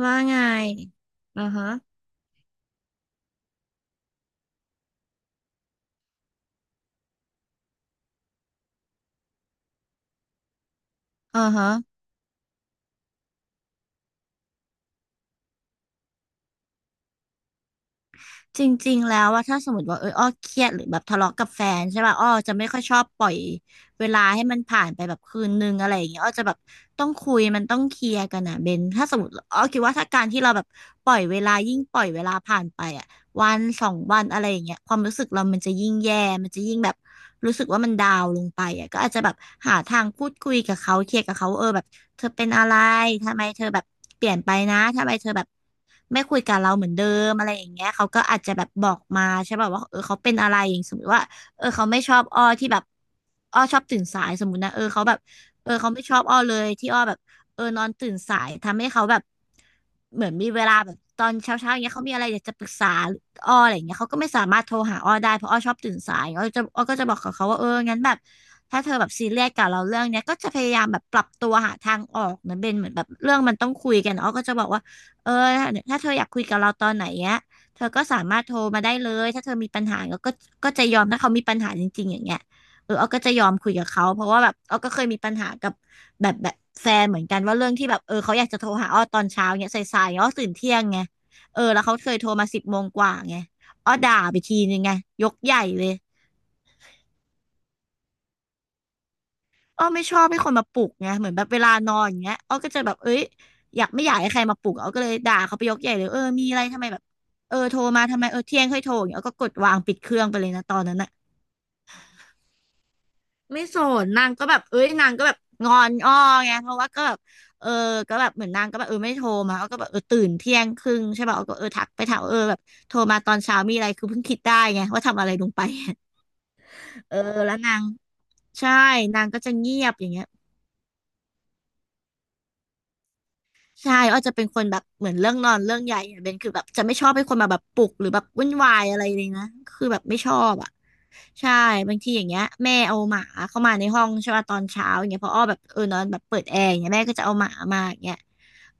ว่าไงอือฮะอือฮะจริงๆแล้วว่าถ้าสมมติว่าอ้อเครียดหรือแบบทะเลาะกับแฟนใช่ป่ะอ้อจะไม่ค่อยชอบปล่อยเวลาให้มันผ่านไปแบบคืนนึงอะไรอย่างเงี้ยอ้อจะแบบต้องคุยมันต้องเคลียร์กันอ่ะเบนถ้าสมมติอ้อคิดว่าถ้าการที่เราแบบปล่อยเวลายิ่งปล่อยเวลาผ่านไปอ่ะ วันสองวันอะไรอย่างเงี้ยความรู้สึกเรามันจะยิ่งแย่มันจะยิ่งแบบรู้สึกว่ามันดาวน์ลงไปอ่ะก็อาจจะแบบหาทางพูดคุยกับเขาเคลียร์กับเขาแบบเธอเป็นอะไรทำไมเธอแบบเปลี่ยนไปนะทำไมเธอแบบไม่คุยกับเราเหมือนเดิมอะไรอย่างเงี้ยเขาก็อาจจะแบบบอกมาใช่ป่ะว่าเขาเป็นอะไรอย่างสมมติว่าเขาไม่ชอบอ้อที่แบบอ้อชอบตื่นสายสมมตินะเขาแบบเขาไม่ชอบอ้อเลยที่อ้อแบบนอนตื่นสายทำให้เขาแบบเหมือนมีเวลาแบบตอนเช้าๆอย่างเงี้ยเขามีอะไรอยากจะปรึกษา อ้ออะไรอย่างเงี้ยเขาก็ไม่สามารถโทรหาอ้อได้เพราะอ้อชอบตื่นสายอ้อก็จะบอกกับเขาว่าเอองั้นแบบถ้าเธอแบบซีเรียสกับเราเรื่องเนี้ยก็จะพยายามแบบปรับตัวหาทางออกนะเบนเหมือนแบบเรื่องมันต้องคุยกันอ้อก็จะบอกว่าเออถ้าเธออยากคุยกับเราตอนไหนเนี้ยเธอก็สามารถโทรมาได้เลยถ้าเธอมีปัญหาก็ก็จะยอมถ้าเขามีปัญหาจริงๆอย่างเงี้ยอ้อก็จะยอมคุยกับเขาเพราะว่าแบบอ้อก็เคยมีปัญหากับแบบแฟนเหมือนกันว่าเรื่องที่แบบเขาอยากจะโทรหาอ้อตอนเช้าเนี้ยสายๆอ้อตื่นเที่ยงไง เออแล้วเขาเคยโทรมาสิบโมงกว่าไงอ้อด่าไปทีนึงไงยกใหญ่เลยอ้อไม่ชอบให้คนมาปลุกไงเหมือนแบบเวลานอนอย่างเงี้ยอ้อก็จะแบบเอ้ยอยากไม่อยากให้ใครมาปลุกอ้อก็เลยด่าเขาไปยกใหญ่เลยมีอะไรทำไมแบบโทรมาทำไมเที่ยงค่อยโทรอย่างเงี้ยอ้อก็กดวางปิดเครื่องไปเลยนะตอนนั้นน่ะไม่สนนางก็แบบเอ้ยนางก็แบบงอนอ้อไงเพราะว่าก็แบบเออก็แบบเหมือนนางก็แบบไม่โทรมาเขาก็แบบตื่นเที่ยงครึ่งใช่ป่ะาก็ทักไปถามแบบโทรมาตอนเช้ามีอะไรคือเพิ่งคิดได้ไงว่าทำอะไรลงไป เออแล้วนางใช่นางก็จะเงียบอย่างเงี้ยใช่อ้อจะเป็นคนแบบเหมือนเรื่องนอนเรื่องใหญ่อะเบนคือแบบจะไม่ชอบให้คนมาแบบปลุกหรือแบบวุ่นวายอะไรเลยนะคือแบบไม่ชอบอ่ะใช่บางทีอย่างเงี้ยแม่เอาหมาเข้ามาในห้องใช่ป่ะตอนเช้าอย่างเงี้ยเพออ้อแบบนอนแบบเปิดแอร์อย่างเงี้ยแม่ก็จะเอาหมามาอย่างเงี้ย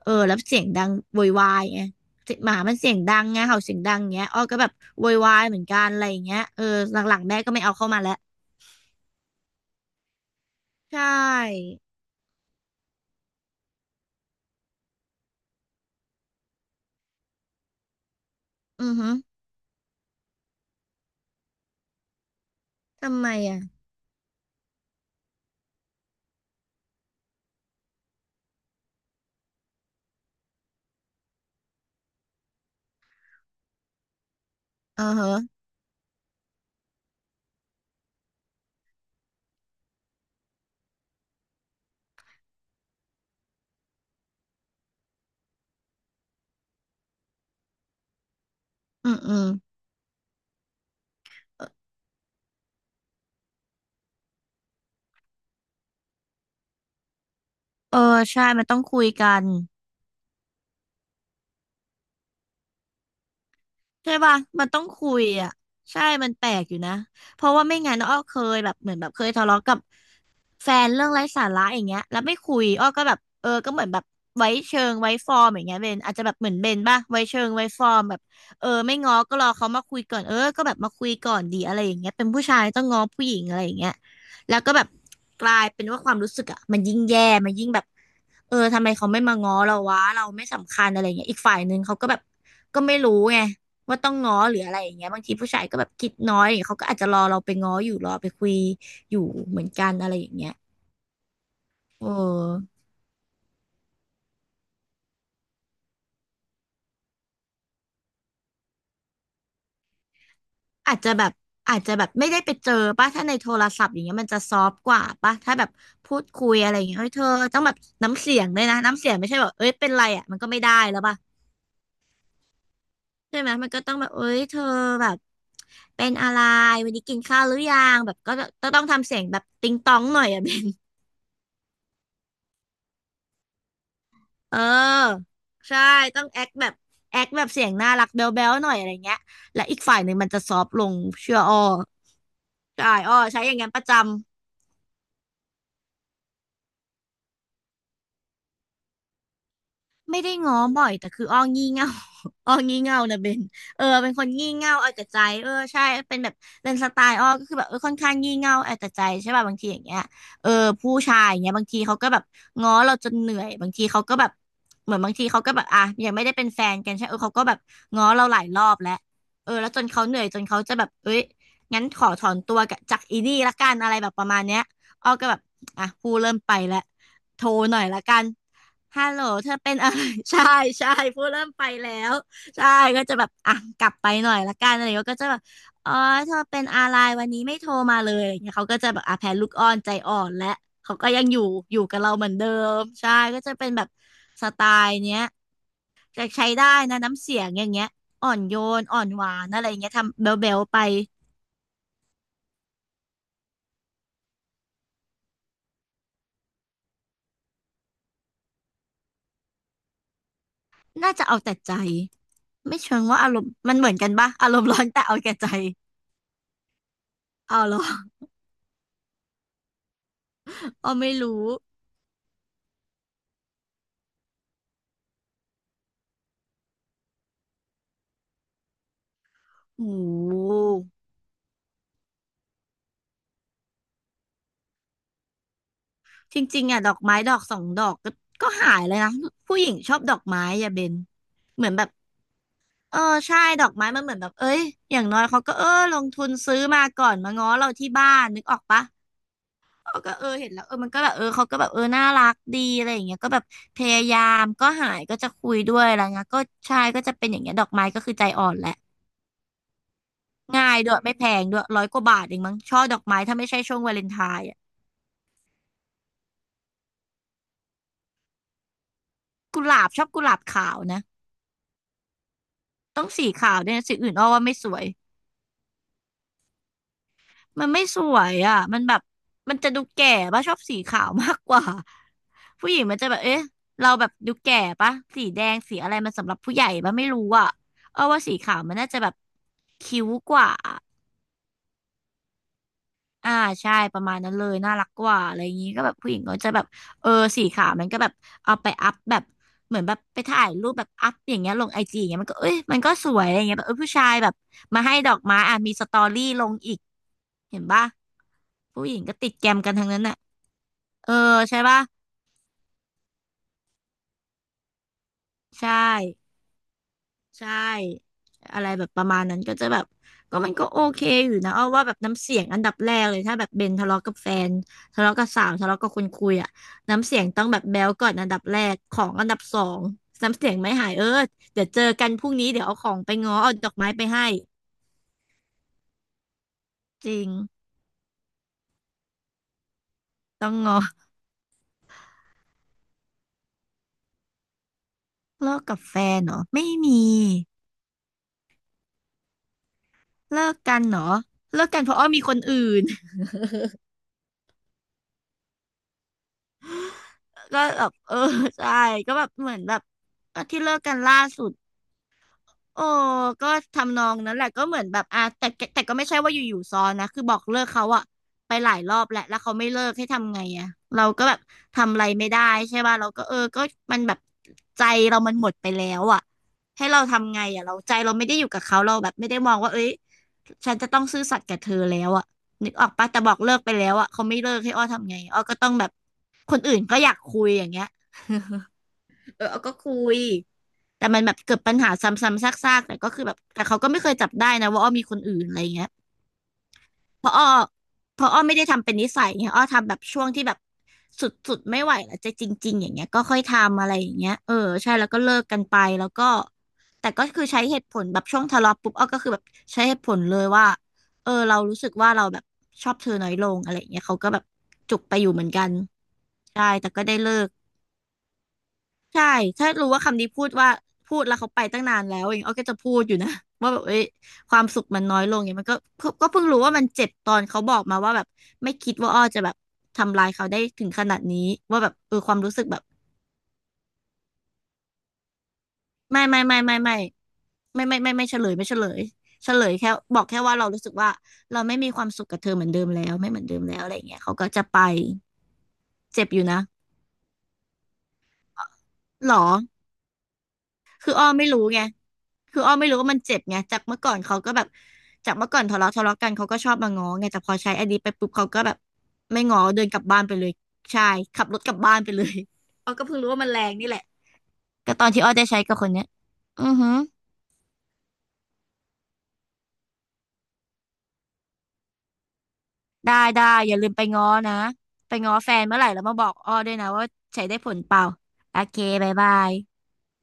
แล้วเสียงดังโวยวายไงหมามันเสียงดังไงเห่าเสียงดังเงี้ยอ้อก็แบบโวยวายเหมือนกันอะไรอย่างเงี้ยหลังๆแม่ก็ไม่เอาเข้ามาแล้วใช่อือฮึทำไมอ่ะอือฮะ อืมอืมเออใช่มันต้องคุยกัน ใช่ป่ะมันต้องคุยอ่ะใช่มันแปลกอยู่นะเพราะว่าไม่งั้นอ้อเคยแบบเหมือนแบบเคยทะเลาะกับแฟนเรื่องไร้สาระอย่างเงี้ยแล้วไม่คุยอ้อก็แบบก็เหมือนแบบไว้เชิงไว้ฟอร์มอย่างเงี้ยเบนอาจจะแบบเหมือนเบนป่ะไว้เชิงไว้ฟอร์มแบบไม่ง้อก็รอเขามาคุยก่อนก็แบบมาคุยก่อนดีอะไรอย่างเงี้ยเป็นผู้ชายต้องง้อผู้หญิงอะไรอย่างเงี้ยแล้วก็แบบกลายเป็นว่าความรู้สึกอ่ะมันยิ่งแย่มันยิ่งแบบทำไมเขาไม่มาง้อเราวะเราไม่สำคัญอะไรเงี้ยอีกฝ่ายหนึ่งเขาก็แบบก็ไม่รู้ไง ว่าต้องง้อหรืออะไรอย่างเงี้ยบางทีผู้ชายก็แบบคิดน้อยเขาก็อาจจะรอเราไปง้ออยู่รอไปคุยอยู่เหมือนกันอะไรอย่างเงี้ยเอออาจจะแบบอาจจะแบบไม่ได้ไปเจอป่ะถ้าในโทรศัพท์อย่างเงี้ยมันจะซอฟต์กว่าป่ะถ้าแบบพูดคุยอะไรอย่างเงี้ยเฮ้ยเธอต้องแบบน้ำเสียงด้วยนะน้ำเสียงไม่ใช่แบบเอ้ยเป็นไรอ่ะมันก็ไม่ได้แล้วป่ะใช่ไหมมันก็ต้องแบบเอ้ยเธอแบบเป็นอะไรวันนี้กินข้าวหรือยังแบบก็จะต้องทำเสียงแบบติงตองหน่อยอ่ะ เบน เออใช่ต้องแอคแบบแอคแบบเสียงน่ารักแบ๊วๆหน่อยอะไรเงี้ยและอีกฝ่ายหนึ่งมันจะซอฟต์ลงเชื่ออ้อใช่อ้อใช้อย่างงั้นประจำ ไม่ได้ง้อบ่อยแต่คืออ้องี่เง่า อ้องี่เง่านะเบนเป็นคนงี่เง่าเอาแต่ใจใช่เป็นแบบเป็นสไตล์อ้อก็คือแบบค่อนข้างงี่เง่าเอาแต่ใจใช่ป่ะบางทีอย่างเงี้ยเออผู้ชายอย่างเงี้ยบางทีเขาก็แบบง้อเราจนเหนื่อยบางทีเขาก็แบบเหมือนบางทีเขาก็แบบอ่ะยังไม่ได้เป็นแฟนกันใช่เขาก็แบบง้อเราหลายรอบแล้วแล้วจนเขาเหนื่อยจนเขาจะแบบเอ้ยงั้นขอถอนตัวกับจากอีนี่ละกันอะไรแบบประมาณเนี้ยอ้อก็แบบอ่ะผู้เริ่มไปแล้วโทรหน่อยละกัน ฮัลโหลเธอเป็นอะไร ใช่ใช่พูดเริ่มไปแล้วใช่ก็จะแบบอ่ะกลับไปหน่อยละกันอะไรอย่างเงี้ยก็จะแบบอ๋อเธอเป็นอะไรวันนี้ไม่โทรมาเลยอะไรย่างเงี้ยเขาก็จะแบบอ่ะแพ้ลูกอ้อนใจอ่อนและเขาก็ยังอยู่อยู่กับเราเหมือนเดิมใช่ก็จะเป็นแบบสไตล์เนี้ยจะใช้ได้นะน้ำเสียงอย่างเงี้ยอ่อนโยนอ่อนหวานอะไรอย่างเงี้ยทำเบลเบลไปน่าจะเอาแต่ใจไม่เชิงว่าอารมณ์มันเหมือนกันปะอารมณ์ร้อนแต่เอาแก่ใจเอาเหรอ อ๋อไม่รู้โอ้ จริงๆอ่ะดอกไม้ดอกสองดอกก็ก็หายเลยนะผู้หญิงชอบดอกไม้อย่าเบนเหมือนแบบเออใช่ดอกไม้มันเหมือนแบบเอ้ยอย่างน้อยเขาก็ลงทุนซื้อมาก่อนมาง้อเราที่บ้านนึกออกปะเขาก็เห็นแล้วมันก็แบบเขาก็แบบน่ารักดีอะไรอย่างเงี้ยก็แบบพยายามก็หายก็จะคุยด้วยอะไรเงี้ยก็ใช่ก็จะเป็นอย่างเงี้ยดอกไม้ก็คือใจอ่อนแหละง่ายด้วยไม่แพงด้วยร้อยกว่าบาทเองมั้งช่อดอกไม้ถ้าไม่ใช่ช่วงวาเลนไทน์อ่ะกุหลาบชอบกุหลาบขาวนะต้องสีขาวด้วยนะสีอื่นอ้อว่าไม่สวย มันไม่สวยอ่ะมันแบบมันจะดูแก่ป่ะชอบสีขาวมากกว่า ผู้หญิงมันจะแบบเอ๊ะเราแบบดูแก่ป่ะสีแดงสีอะไรมันสำหรับผู้ใหญ่ป่ะไม่รู้อ่ะเอาว่าสีขาวมันน่าจะแบบคิ้วกว่า อ่าใช่ประมาณนั้นเลยน่ารักกว่าอะไรอย่างนี้ก็แบบผู้หญิงก็จะแบบเออสีขาวมันก็แบบเอาไปอัพแบบเหมือนแบบไปถ่ายรูปแบบอัพอย่างเงี้ยลงไอจีอย่างเงี้ยมันก็เอ้ยมันก็สวยอะไรเงี้ยแบบผู้ชายแบบมาให้ดอกไม้อ่ะมีสตอรี่ลงอีกเห็นปะผู้หญิงก็ติดแกมกันทั้งนั้นน่ะเออใช่ปะใช่ ใช่อะไรแบบประมาณนั้นก็จะแบบก็มันก็โอเคอยู่นะเอาว่าแบบน้ำเสียงอันดับแรกเลยถ้าแบบเบนทะเลาะกับแฟนทะเลาะกับสาวทะเลาะกับคนคุยอ่ะน้ำเสียงต้องแบบแบ๊วก่อนอันดับแรกของอันดับสองน้ำเสียงไม่หายเดี๋ยวเจอกันพรุ่งนี้เดี๋ยวเอาของไปง้อเอาดอกไม้ไปให้จริงต้องง้อเลิกกับแฟนเหรอไม่มีเลิกกันเหรอเลิกกันเพราะอ้อมีคนอื่นก็แบบใช่ก็แบบเหมือนแบบก็ที่เลิกกันล่าสุด โอ้ก็ทำนองนั้นแหละก็เหมือนแบบอ่ะแต่ก็ไม่ใช่ว่าอยู่ๆซ้อนนะคือบอกเลิกเขาอะไปหลายรอบแหล้วแล้วเขาไม่เลิกให้ทำไงอะเราก็แบบทำอะไรไม่ได้ใช่ป่ะเราก็ก็มันแบบใจเรามันหมดไปแล้วอะให้เราทำไงอะเราใจเราไม่ได้อยู่กับเขาเราแบบไม่ได้มองว่าเอ้ยฉันจะต้องซื่อสัตย์กับเธอแล้วอะนึกออกปะแต่บอกเลิกไปแล้วอะเขาไม่เลิกให้อ้อทำไงอ้อก็ต้องแบบคนอื่นก็อยากคุยอย่างเงี้ย เออออก็คุย แต่มันแบบเกิดปัญหาซ้ำๆซากๆแต่ก็คือแบบแต่เขาก็ไม่เคยจับได้นะว่าอ้อมีคนอื่นอะไรเงี้ยเพราะอ้อเพราะอ้อไม่ได้ทำเป็นนิสัยไงอ้อทำแบบช่วงที่แบบสุดๆไม่ไหวแล้วจะจริงๆอย่างเงี้ยก็ค่อยทำอะไรอย่างเงี้ยใช่แล้วก็เลิกกันไปแล้วก็แต่ก็คือใช้เหตุผลแบบช่วงทะเลาะปุ๊บอ้อก็คือแบบใช้เหตุผลเลยว่าเรารู้สึกว่าเราแบบชอบเธอน้อยลงอะไรอย่างเงี้ยเขาก็แบบจุกไปอยู่เหมือนกันใช่แต่ก็ได้เลิก ใช่ ถ้ารู้ว่าคำนี้พูดว่าพูดแล้วเขาไปตั้งนานแล้วเองอ้อก็จะพูดอยู่นะ ว่าแบบเอ้ยความสุขมันน้อยลงเนี่ยมันก็ก็เพิ่งรู้ว่ามันเจ็บตอนเขาบอกมาว่าแบบไม่คิดว่าอ้อจะแบบทำลายเขาได้ถึงขนาดนี้ว่าแบบความรู้สึกแบบไม่ไม่ไม่ไม่ไม่ไม่ไม่ไม่ไม่ไม่ไม่เฉลยไม่เฉลยเฉลยแค่บอกแค่ว่าเรารู้สึกว่าเราไม่มีความสุขกับเธอเหมือนเดิมแล้วไม่เหมือนเดิมแล้วอะไรอย่างเงี้ยเขาก็จะไปเจ็บอยู่นะหรอ คืออ้อไม่รู้ไงคืออ้อไม่รู้ว่ามันเจ็บไงจากเมื่อก่อนเขาก็แบบจากเมื่อก่อนทะเลาะกันเขาก็ชอบมาง้อไงแต่พอใช้อันนี้ไปปุ๊บเขาก็แบบไม่ง้อเดินกลับบ้านไปเลยใช่ขับรถกลับบ้านไปเลย อ้อก็เพิ่งรู้ว่ามันแรงนี่แหละก็ตอนที่อ้อได้ใช้กับคนเนี้ยอือหือได้ได้อย่าลืมไปง้อนะไปง้อแฟนเมื่อไหร่แล้วมาบอกอ้อด้วยนะว่าใช้ได้ผลเปล่าโอเคบ๊ายบาย